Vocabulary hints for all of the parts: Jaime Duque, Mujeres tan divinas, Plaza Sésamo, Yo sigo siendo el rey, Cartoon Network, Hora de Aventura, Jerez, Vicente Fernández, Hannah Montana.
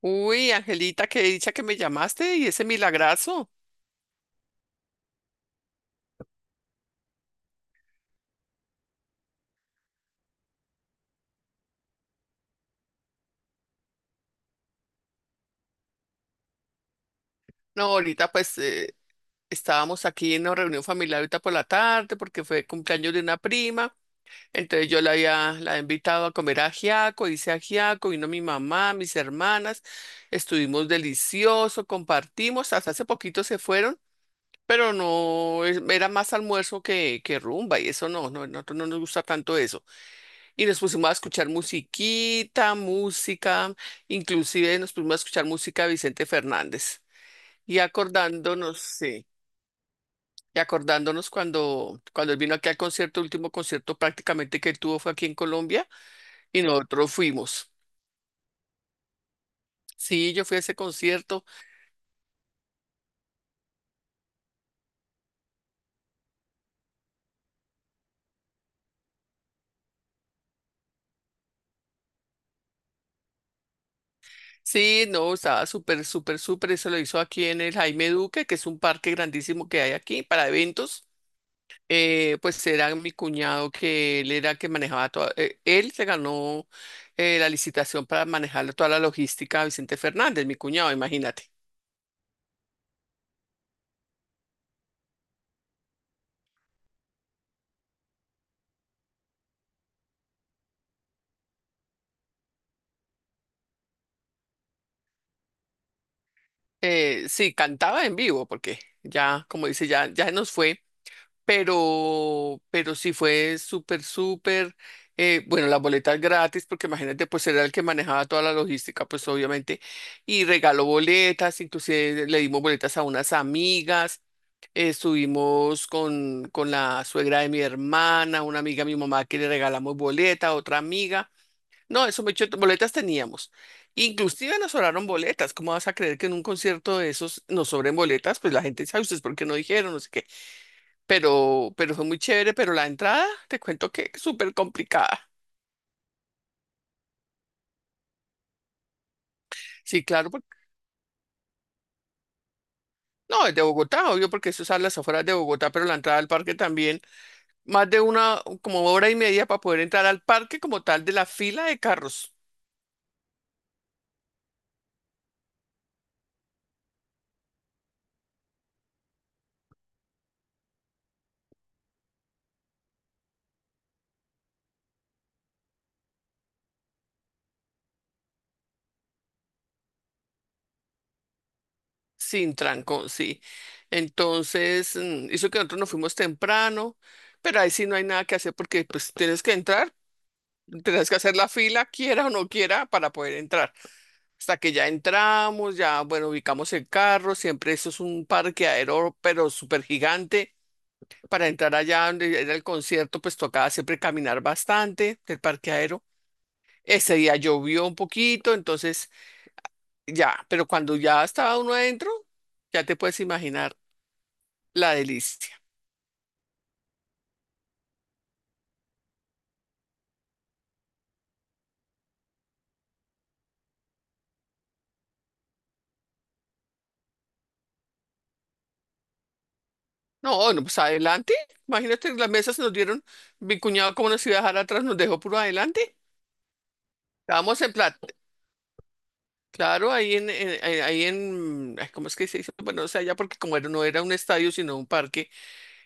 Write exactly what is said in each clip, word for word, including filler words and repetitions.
Uy, Angelita, qué dicha que me llamaste y ese milagrazo. No, ahorita pues eh, estábamos aquí en una reunión familiar ahorita por la tarde porque fue cumpleaños de una prima. Entonces yo la había la he invitado a comer ajiaco, hice ajiaco, vino mi mamá, mis hermanas, estuvimos delicioso, compartimos, hasta hace poquito se fueron, pero no es- era más almuerzo que, que rumba y eso no, no, nosotros no nos gusta tanto eso. Y nos pusimos a escuchar musiquita, música, inclusive nos pusimos a escuchar música de Vicente Fernández. Y acordándonos, sí, y acordándonos cuando, cuando él vino aquí al concierto, el último concierto prácticamente que él tuvo fue aquí en Colombia y nosotros fuimos. Sí, yo fui a ese concierto. Sí, no, estaba súper, súper, súper. Eso lo hizo aquí en el Jaime Duque, que es un parque grandísimo que hay aquí para eventos. Eh, pues era mi cuñado que él era que manejaba toda, eh, él se ganó eh, la licitación para manejar toda la logística a Vicente Fernández, mi cuñado, imagínate. Eh, sí, cantaba en vivo porque ya, como dice, ya, ya se nos fue, pero, pero sí fue súper, súper, eh, bueno, las boletas gratis porque imagínate, pues era el que manejaba toda la logística, pues obviamente, y regaló boletas, inclusive le dimos boletas a unas amigas. Estuvimos con, con la suegra de mi hermana, una amiga de mi mamá que le regalamos boleta, otra amiga. No, eso me echó, boletas teníamos. Inclusive nos sobraron boletas. ¿Cómo vas a creer que en un concierto de esos nos sobren boletas? Pues la gente dice, ay, ¿ustedes por qué no dijeron? No sé qué. Pero, pero fue muy chévere, pero la entrada, te cuento que es súper complicada. Sí, claro, porque, no, es de Bogotá, obvio, porque eso es a las afueras de Bogotá, pero la entrada al parque también, más de una, como hora y media para poder entrar al parque como tal de la fila de carros. Sin trancón, sí. Entonces, mm, hizo que nosotros nos fuimos temprano, pero ahí sí no hay nada que hacer porque pues tienes que entrar, tienes que hacer la fila, quiera o no quiera, para poder entrar. Hasta que ya entramos, ya, bueno, ubicamos el carro, siempre eso es un parqueadero, pero súper gigante. Para entrar allá donde era el concierto, pues tocaba siempre caminar bastante del parqueadero. Ese día llovió un poquito, entonces ya, pero cuando ya estaba uno adentro, ya te puedes imaginar. La delicia. No, no, pues adelante. Imagínate, las mesas se nos dieron, mi cuñado como nos iba a dejar atrás, nos dejó puro adelante. Estábamos en plata. Claro, ahí en, en- eh, ahí en, ay, ¿cómo es que se dice? Bueno, o sea, ya porque como era- no era un estadio, sino un parque,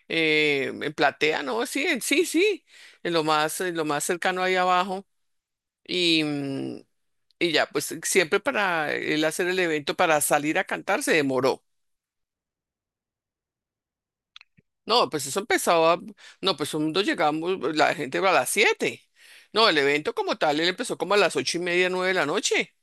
eh, en platea, ¿no? Sí, en- sí, sí, en lo más, en lo más cercano ahí abajo. Y, mm, y ya, pues siempre para él hacer el evento, para salir a cantar, se demoró. No, pues eso empezaba, no, pues cuando llegamos, pues, la gente va a las siete. No, el evento como tal, él empezó como a las ocho y media, nueve de la noche.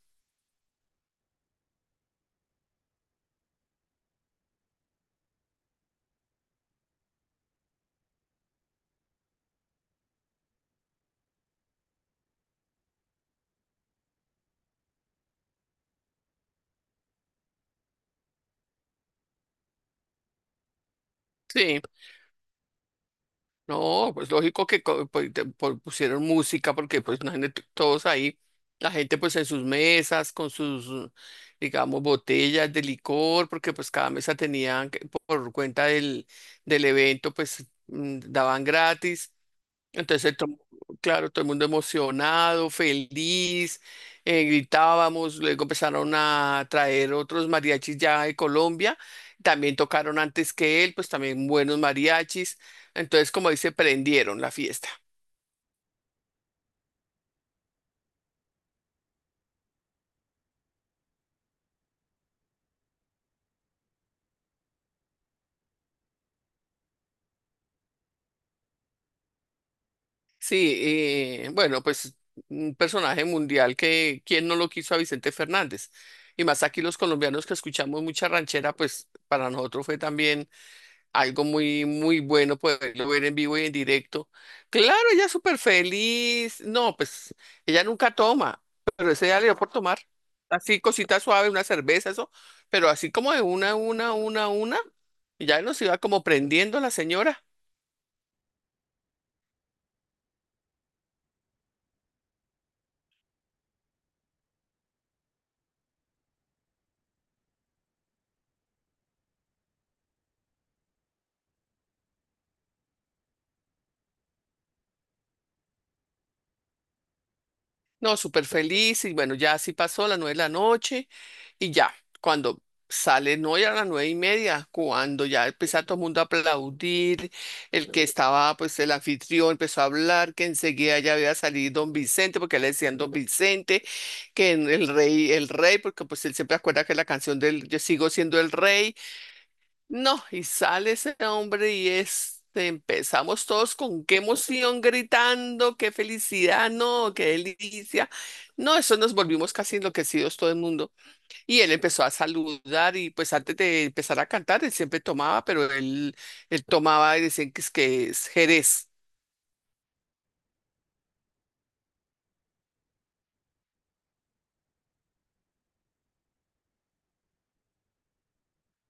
Sí. No, pues lógico que co- pues, te- po- pusieron música porque pues imagínate todos ahí, la gente pues en sus mesas con sus, digamos, botellas de licor, porque pues cada mesa tenían que- por cuenta del, del evento pues mm, daban gratis entonces, to- claro, todo el mundo emocionado, feliz, eh, gritábamos, luego empezaron a traer otros mariachis ya de Colombia, también tocaron antes que él, pues también buenos mariachis, entonces como dice, prendieron la fiesta. Sí, eh, bueno, pues un personaje mundial que, ¿quién no lo quiso a Vicente Fernández? Y más aquí los colombianos que escuchamos mucha ranchera, pues para nosotros fue también algo muy, muy bueno poderlo ver en vivo y en directo. Claro, ella súper feliz. No, pues ella nunca toma, pero ese día le dio por tomar. Así, cosita suave, una cerveza, eso, pero así como de una, una, una, una, y ya nos iba como prendiendo la señora. No, súper feliz y bueno, ya así pasó las nueve de la noche y ya, cuando sale, no, ya a las nueve y media, cuando ya empezó todo el mundo a aplaudir, el que estaba, pues el anfitrión empezó a hablar, que enseguida ya había salido don Vicente, porque le decían don Vicente, que en el rey, el rey, porque pues él siempre acuerda que la canción del Yo sigo siendo el rey, no, y sale ese hombre y este, empezamos todos con qué emoción gritando, qué felicidad, no, qué delicia. No, eso nos volvimos casi enloquecidos todo el mundo. Y él empezó a saludar y pues antes de empezar a cantar, él siempre tomaba, pero él, él tomaba y decían que es, que es, Jerez.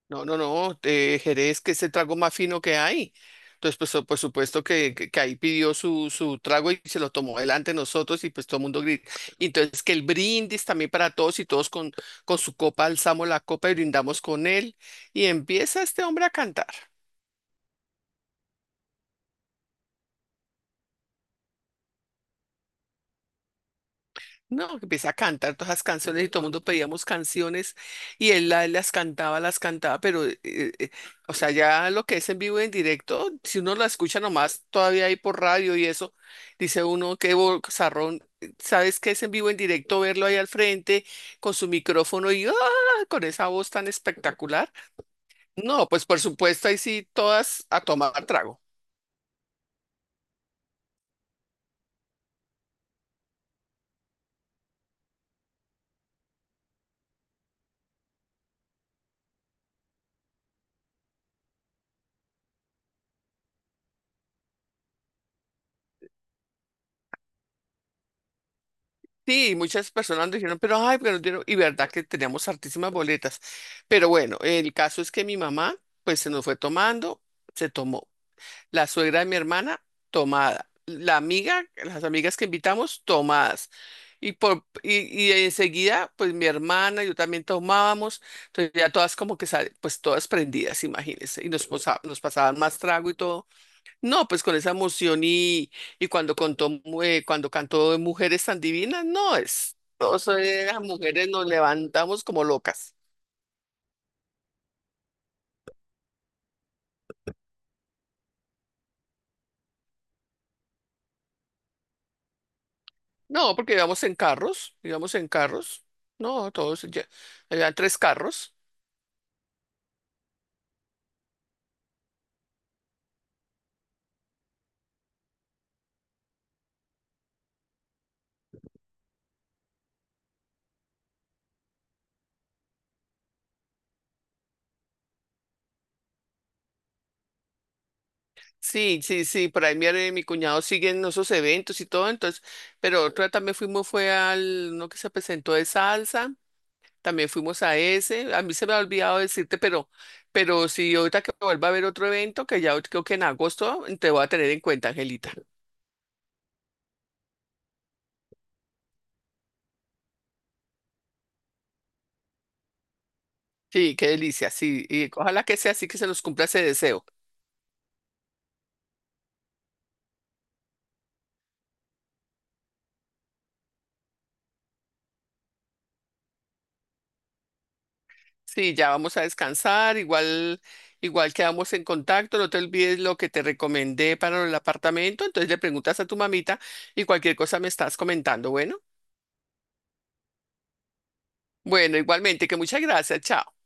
No, no, no, eh, Jerez, que es el trago más fino que hay. Entonces, pues, so- por supuesto que, que, que ahí pidió su, su trago y se lo tomó delante de nosotros y pues todo el mundo grita. Y entonces, que el brindis también para todos y todos con, con su copa, alzamos la copa y brindamos con él. Y empieza este hombre a cantar. No, que empieza a cantar todas las canciones y todo el mundo pedíamos canciones y él la- las cantaba, las cantaba, pero, eh, eh, eh, o sea, ya lo que es en vivo y en directo, si uno la escucha nomás todavía ahí por radio y eso, dice uno, qué bozarrón, eh, ¿sabes qué es en vivo y en directo verlo ahí al frente con su micrófono y ¡ah! Con esa voz tan espectacular? No, pues por supuesto, ahí sí, todas a tomar trago. Sí, muchas personas dijeron, pero ay, pero no dieron- y verdad que teníamos hartísimas boletas. Pero bueno, el caso es que mi mamá, pues se nos fue tomando, se tomó. La suegra de mi hermana, tomada. La amiga, las amigas que invitamos, tomadas. Y, por, y, y enseguida, pues mi hermana, yo también tomábamos. Entonces ya todas como que, sal- pues todas prendidas, imagínense. Y nos, posa- nos pasaban más trago y todo. No, pues con esa emoción y, y cuando contó, mu- eh, cuando cantó Mujeres tan divinas, no es. Todas las mujeres nos levantamos como locas. No, porque íbamos en carros, íbamos en carros. No, todos, ya, habían tres carros. Sí, sí, sí, por ahí mi, are- mi cuñado sigue en esos eventos y todo, entonces, pero otra también fuimos fue al, uno que se presentó de salsa. También fuimos a ese. A mí se me ha olvidado decirte, pero, pero si ahorita que vuelva a haber otro evento, que ya creo que en agosto te voy a tener en cuenta, Angelita. Sí, qué delicia. Sí, y ojalá que sea así que se nos cumpla ese deseo. Sí, ya vamos a descansar. Igual, igual quedamos en contacto. No te olvides lo que te recomendé para el apartamento. Entonces le preguntas a tu mamita y cualquier cosa me estás comentando. Bueno, bueno, igualmente, que muchas gracias. Chao.